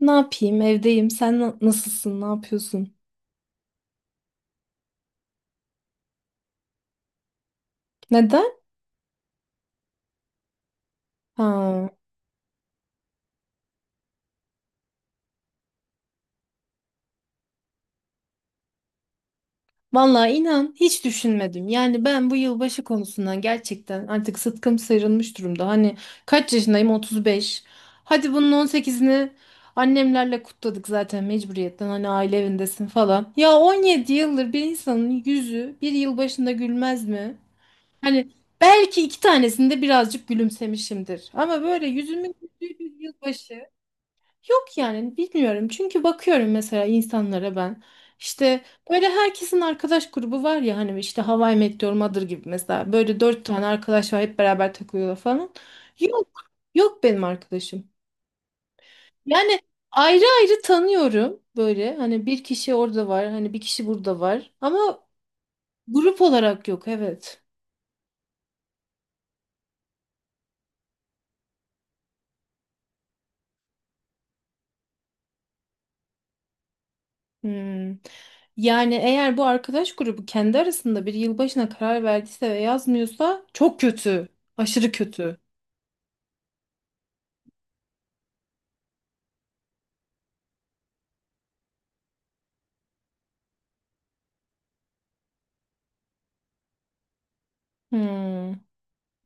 Ne yapayım? Evdeyim. Sen nasılsın? Ne yapıyorsun? Neden? Ha. Vallahi inan hiç düşünmedim. Yani ben bu yılbaşı konusundan gerçekten artık sıtkım sıyrılmış durumda. Hani kaç yaşındayım? 35. Hadi bunun 18'ini annemlerle kutladık zaten mecburiyetten. Hani aile evindesin falan. Ya 17 yıldır bir insanın yüzü bir yılbaşında gülmez mi? Hani belki iki tanesinde birazcık gülümsemişimdir. Ama böyle yüzümün güldüğü bir yılbaşı. Yok yani bilmiyorum. Çünkü bakıyorum mesela insanlara ben. İşte böyle herkesin arkadaş grubu var ya hani işte Hawaii I Mother gibi mesela. Böyle dört tane arkadaş var hep beraber takılıyorlar falan. Yok. Yok benim arkadaşım. Yani ayrı ayrı tanıyorum böyle. Hani bir kişi orada var. Hani bir kişi burada var. Ama grup olarak yok evet. Hmm. Yani eğer bu arkadaş grubu kendi arasında bir yılbaşına karar verdiyse ve yazmıyorsa çok kötü. Aşırı kötü. Hmm,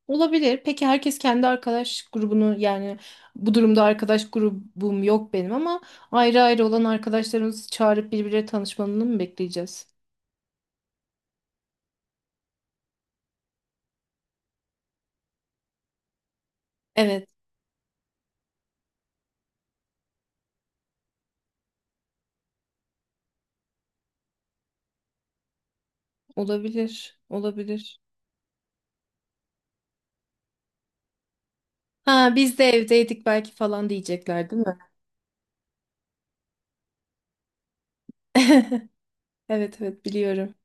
olabilir. Peki herkes kendi arkadaş grubunu yani bu durumda arkadaş grubum yok benim ama ayrı ayrı olan arkadaşlarımızı çağırıp birbirleri tanışmalarını mı bekleyeceğiz? Evet, olabilir. Olabilir. Ha biz de evdeydik belki falan diyecekler değil mi? Evet evet biliyorum.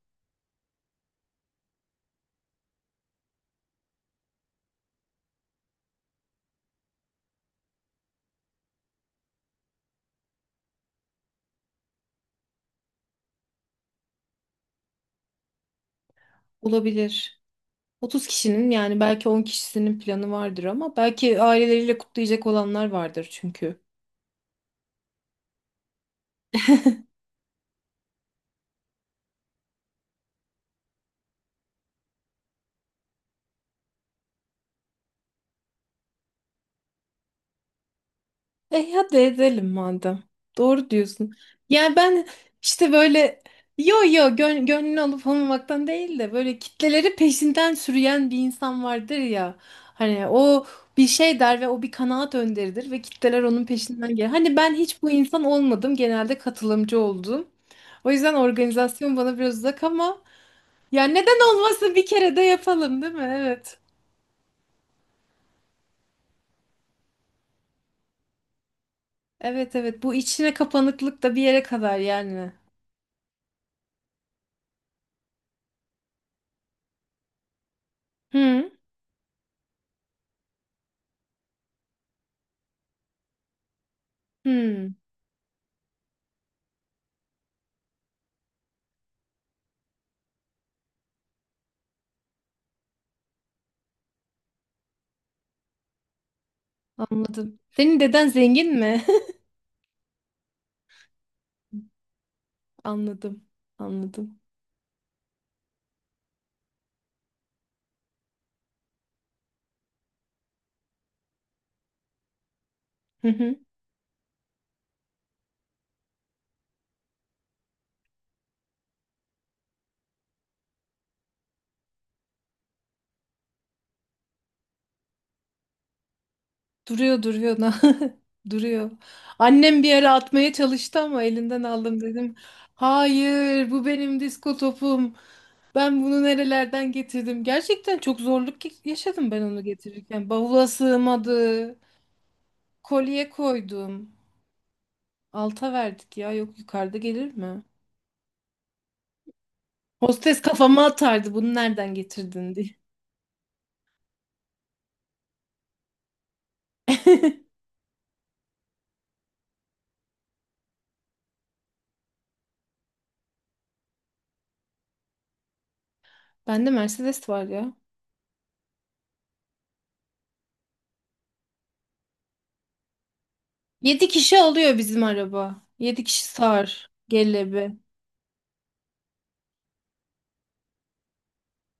Olabilir. 30 kişinin yani belki 10 kişisinin planı vardır ama belki aileleriyle kutlayacak olanlar vardır çünkü. E hadi edelim madem. Doğru diyorsun. Yani ben işte böyle yo yo gönlünü alıp almamaktan değil de böyle kitleleri peşinden sürüyen bir insan vardır ya. Hani o bir şey der ve o bir kanaat önderidir ve kitleler onun peşinden gelir. Hani ben hiç bu insan olmadım. Genelde katılımcı oldum. O yüzden organizasyon bana biraz uzak ama ya neden olmasın bir kere de yapalım değil mi? Evet. Evet evet bu içine kapanıklık da bir yere kadar yani. Hı hı. Anladım. Senin deden zengin mi? Anladım. Anladım. Hı hı. Duruyor duruyor. Duruyor. Annem bir ara atmaya çalıştı ama elinden aldım dedim. Hayır, bu benim disko topum. Ben bunu nerelerden getirdim? Gerçekten çok zorluk yaşadım ben onu getirirken. Bavula sığmadı. Kolye koydum. Alta verdik ya. Yok yukarıda gelir mi? Hostes kafama atardı. Bunu nereden getirdin diye. Bende Mercedes var ya. Yedi kişi alıyor bizim araba. Yedi kişi sığar. Gelebi.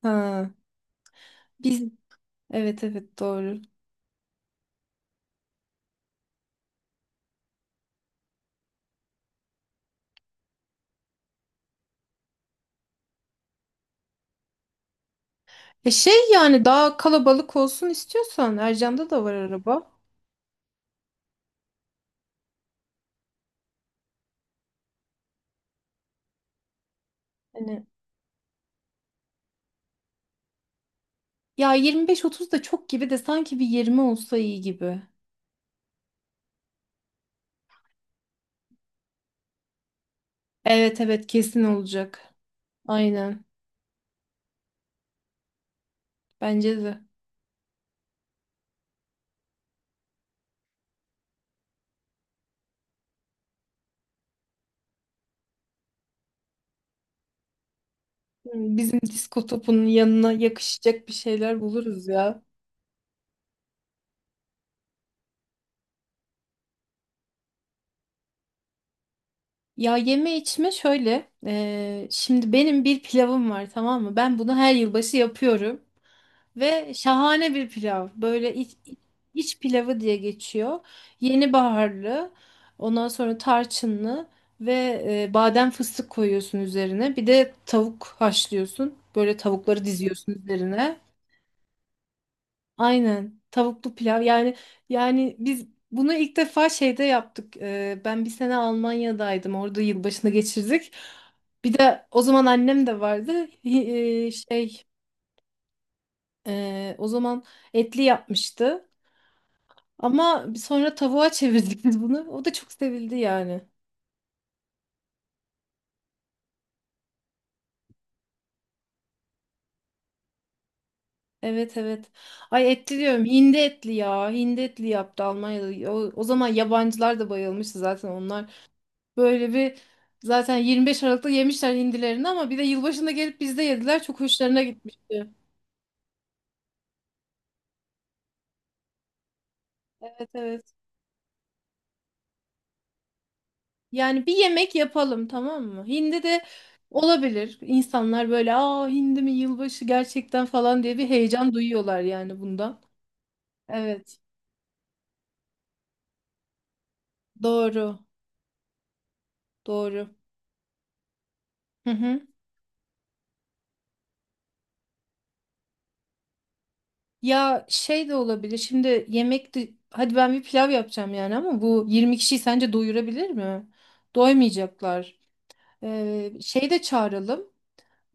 Ha. Biz evet evet doğru. Yani daha kalabalık olsun istiyorsan Ercan'da da var araba. Hani ya 25-30 da çok gibi de sanki bir 20 olsa iyi gibi. Evet evet kesin olacak. Aynen. Bence de. Hı, bizim disko topunun yanına yakışacak bir şeyler buluruz ya. Ya yeme içme şöyle. Şimdi benim bir pilavım var tamam mı? Ben bunu her yılbaşı yapıyorum. Ve şahane bir pilav. Böyle iç pilavı diye geçiyor. Yeni baharlı, ondan sonra tarçınlı ve badem fıstık koyuyorsun üzerine. Bir de tavuk haşlıyorsun. Böyle tavukları diziyorsun üzerine. Aynen. Tavuklu pilav. Yani biz bunu ilk defa şeyde yaptık. E, ben bir sene Almanya'daydım. Orada yılbaşını geçirdik. Bir de o zaman annem de vardı. O zaman etli yapmıştı. Ama sonra tavuğa çevirdik biz bunu. O da çok sevildi yani. Evet evet. Ay etli diyorum. Hindi etli ya. Hindi etli yaptı Almanya'da. O zaman yabancılar da bayılmıştı zaten onlar. Böyle bir zaten 25 Aralık'ta yemişler hindilerini ama bir de yılbaşında gelip bizde yediler. Çok hoşlarına gitmişti. Evet evet. Yani bir yemek yapalım tamam mı? Hindi de olabilir. İnsanlar böyle aa hindi mi yılbaşı gerçekten falan diye bir heyecan duyuyorlar yani bundan. Evet. Doğru. Doğru. Hı hı. Ya şey de olabilir. Şimdi yemek de hadi ben bir pilav yapacağım yani ama bu 20 kişiyi sence doyurabilir mi? Doymayacaklar. Şey de çağıralım.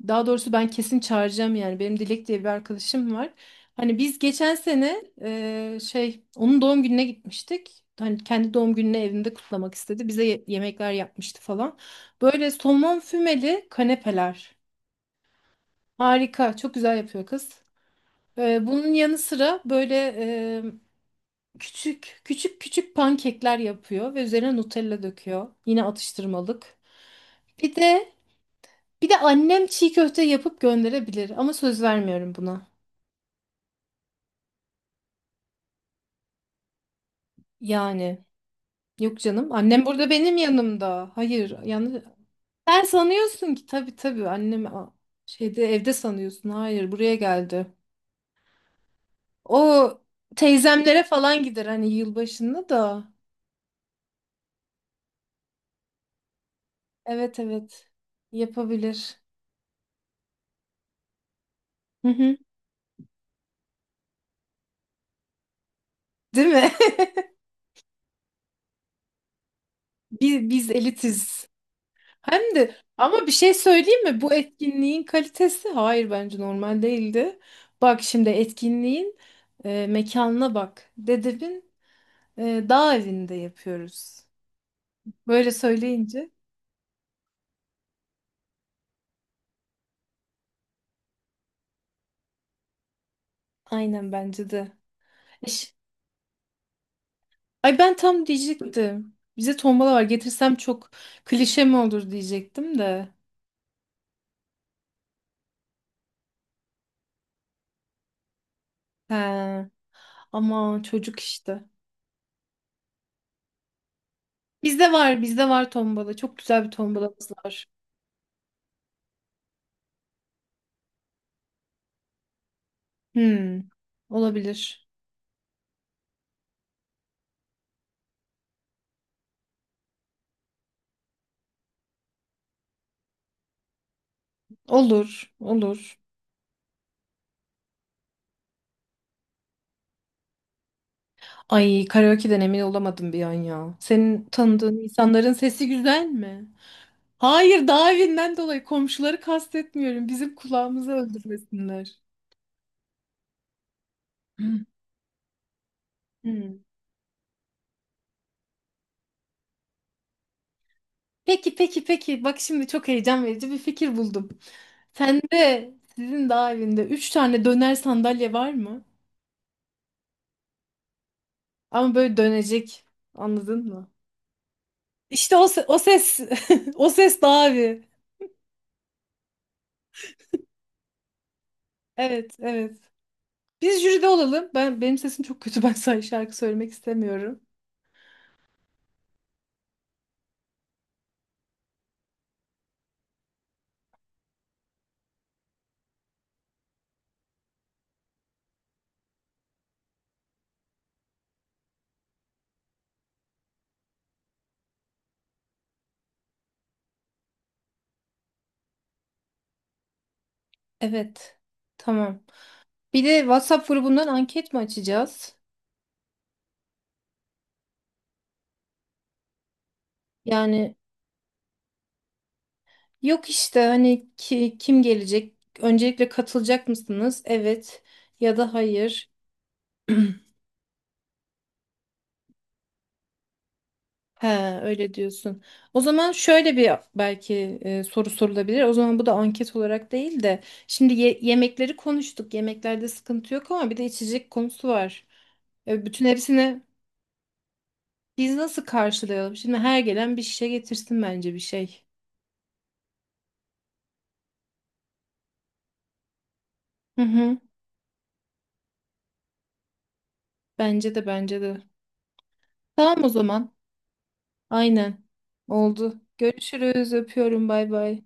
Daha doğrusu ben kesin çağıracağım yani. Benim Dilek diye bir arkadaşım var. Hani biz geçen sene şey onun doğum gününe gitmiştik. Hani kendi doğum gününü evinde kutlamak istedi. Bize yemekler yapmıştı falan. Böyle somon fümeli kanepeler. Harika. Çok güzel yapıyor kız. Bunun yanı sıra böyle küçük küçük küçük pankekler yapıyor ve üzerine Nutella döküyor. Yine atıştırmalık. Bir de bir de annem çiğ köfte yapıp gönderebilir ama söz vermiyorum buna. Yani yok canım annem burada benim yanımda. Hayır yani sen sanıyorsun ki tabii tabii annem şeyde evde sanıyorsun. Hayır buraya geldi. O teyzemlere falan gider hani yılbaşında da. Evet evet yapabilir. Hı hı. Değil mi? Biz elitiz. Hem de ama bir şey söyleyeyim mi? Bu etkinliğin kalitesi hayır bence normal değildi. Bak şimdi etkinliğin mekanına bak. Dedebin dağ evinde yapıyoruz. Böyle söyleyince aynen bence de. Eş- Ay ben tam diyecektim. Bize tombala var getirsem çok klişe mi olur diyecektim de. He, ama çocuk işte. Bizde var bizde var tombala. Çok güzel bir tombalamız var. Hmm, olabilir. Olur, olur. Ay karaoke'den emin olamadım bir an ya. Senin tanıdığın insanların sesi güzel mi? Hayır dağ evinden dolayı komşuları kastetmiyorum. Bizim kulağımızı öldürmesinler. Hı. Hmm. Peki peki peki. Bak şimdi çok heyecan verici bir fikir buldum. Sende sizin dağ evinde üç tane döner sandalye var mı? Ama böyle dönecek. Anladın mı? İşte o, o ses. O ses dağ evi. Evet evet. Biz jüride olalım. Benim sesim çok kötü. Ben sadece şarkı söylemek istemiyorum. Evet. Tamam. Bir de WhatsApp grubundan anket mi açacağız? Yani yok işte hani kim gelecek? Öncelikle katılacak mısınız? Evet ya da hayır. He, öyle diyorsun. O zaman şöyle bir belki soru sorulabilir. O zaman bu da anket olarak değil de şimdi yemekleri konuştuk. Yemeklerde sıkıntı yok ama bir de içecek konusu var. E, bütün hepsini biz nasıl karşılayalım? Şimdi her gelen bir şişe getirsin bence bir şey. Hı hı. Bence de bence de. Tamam o zaman. Aynen. Oldu. Görüşürüz. Öpüyorum. Bay bay.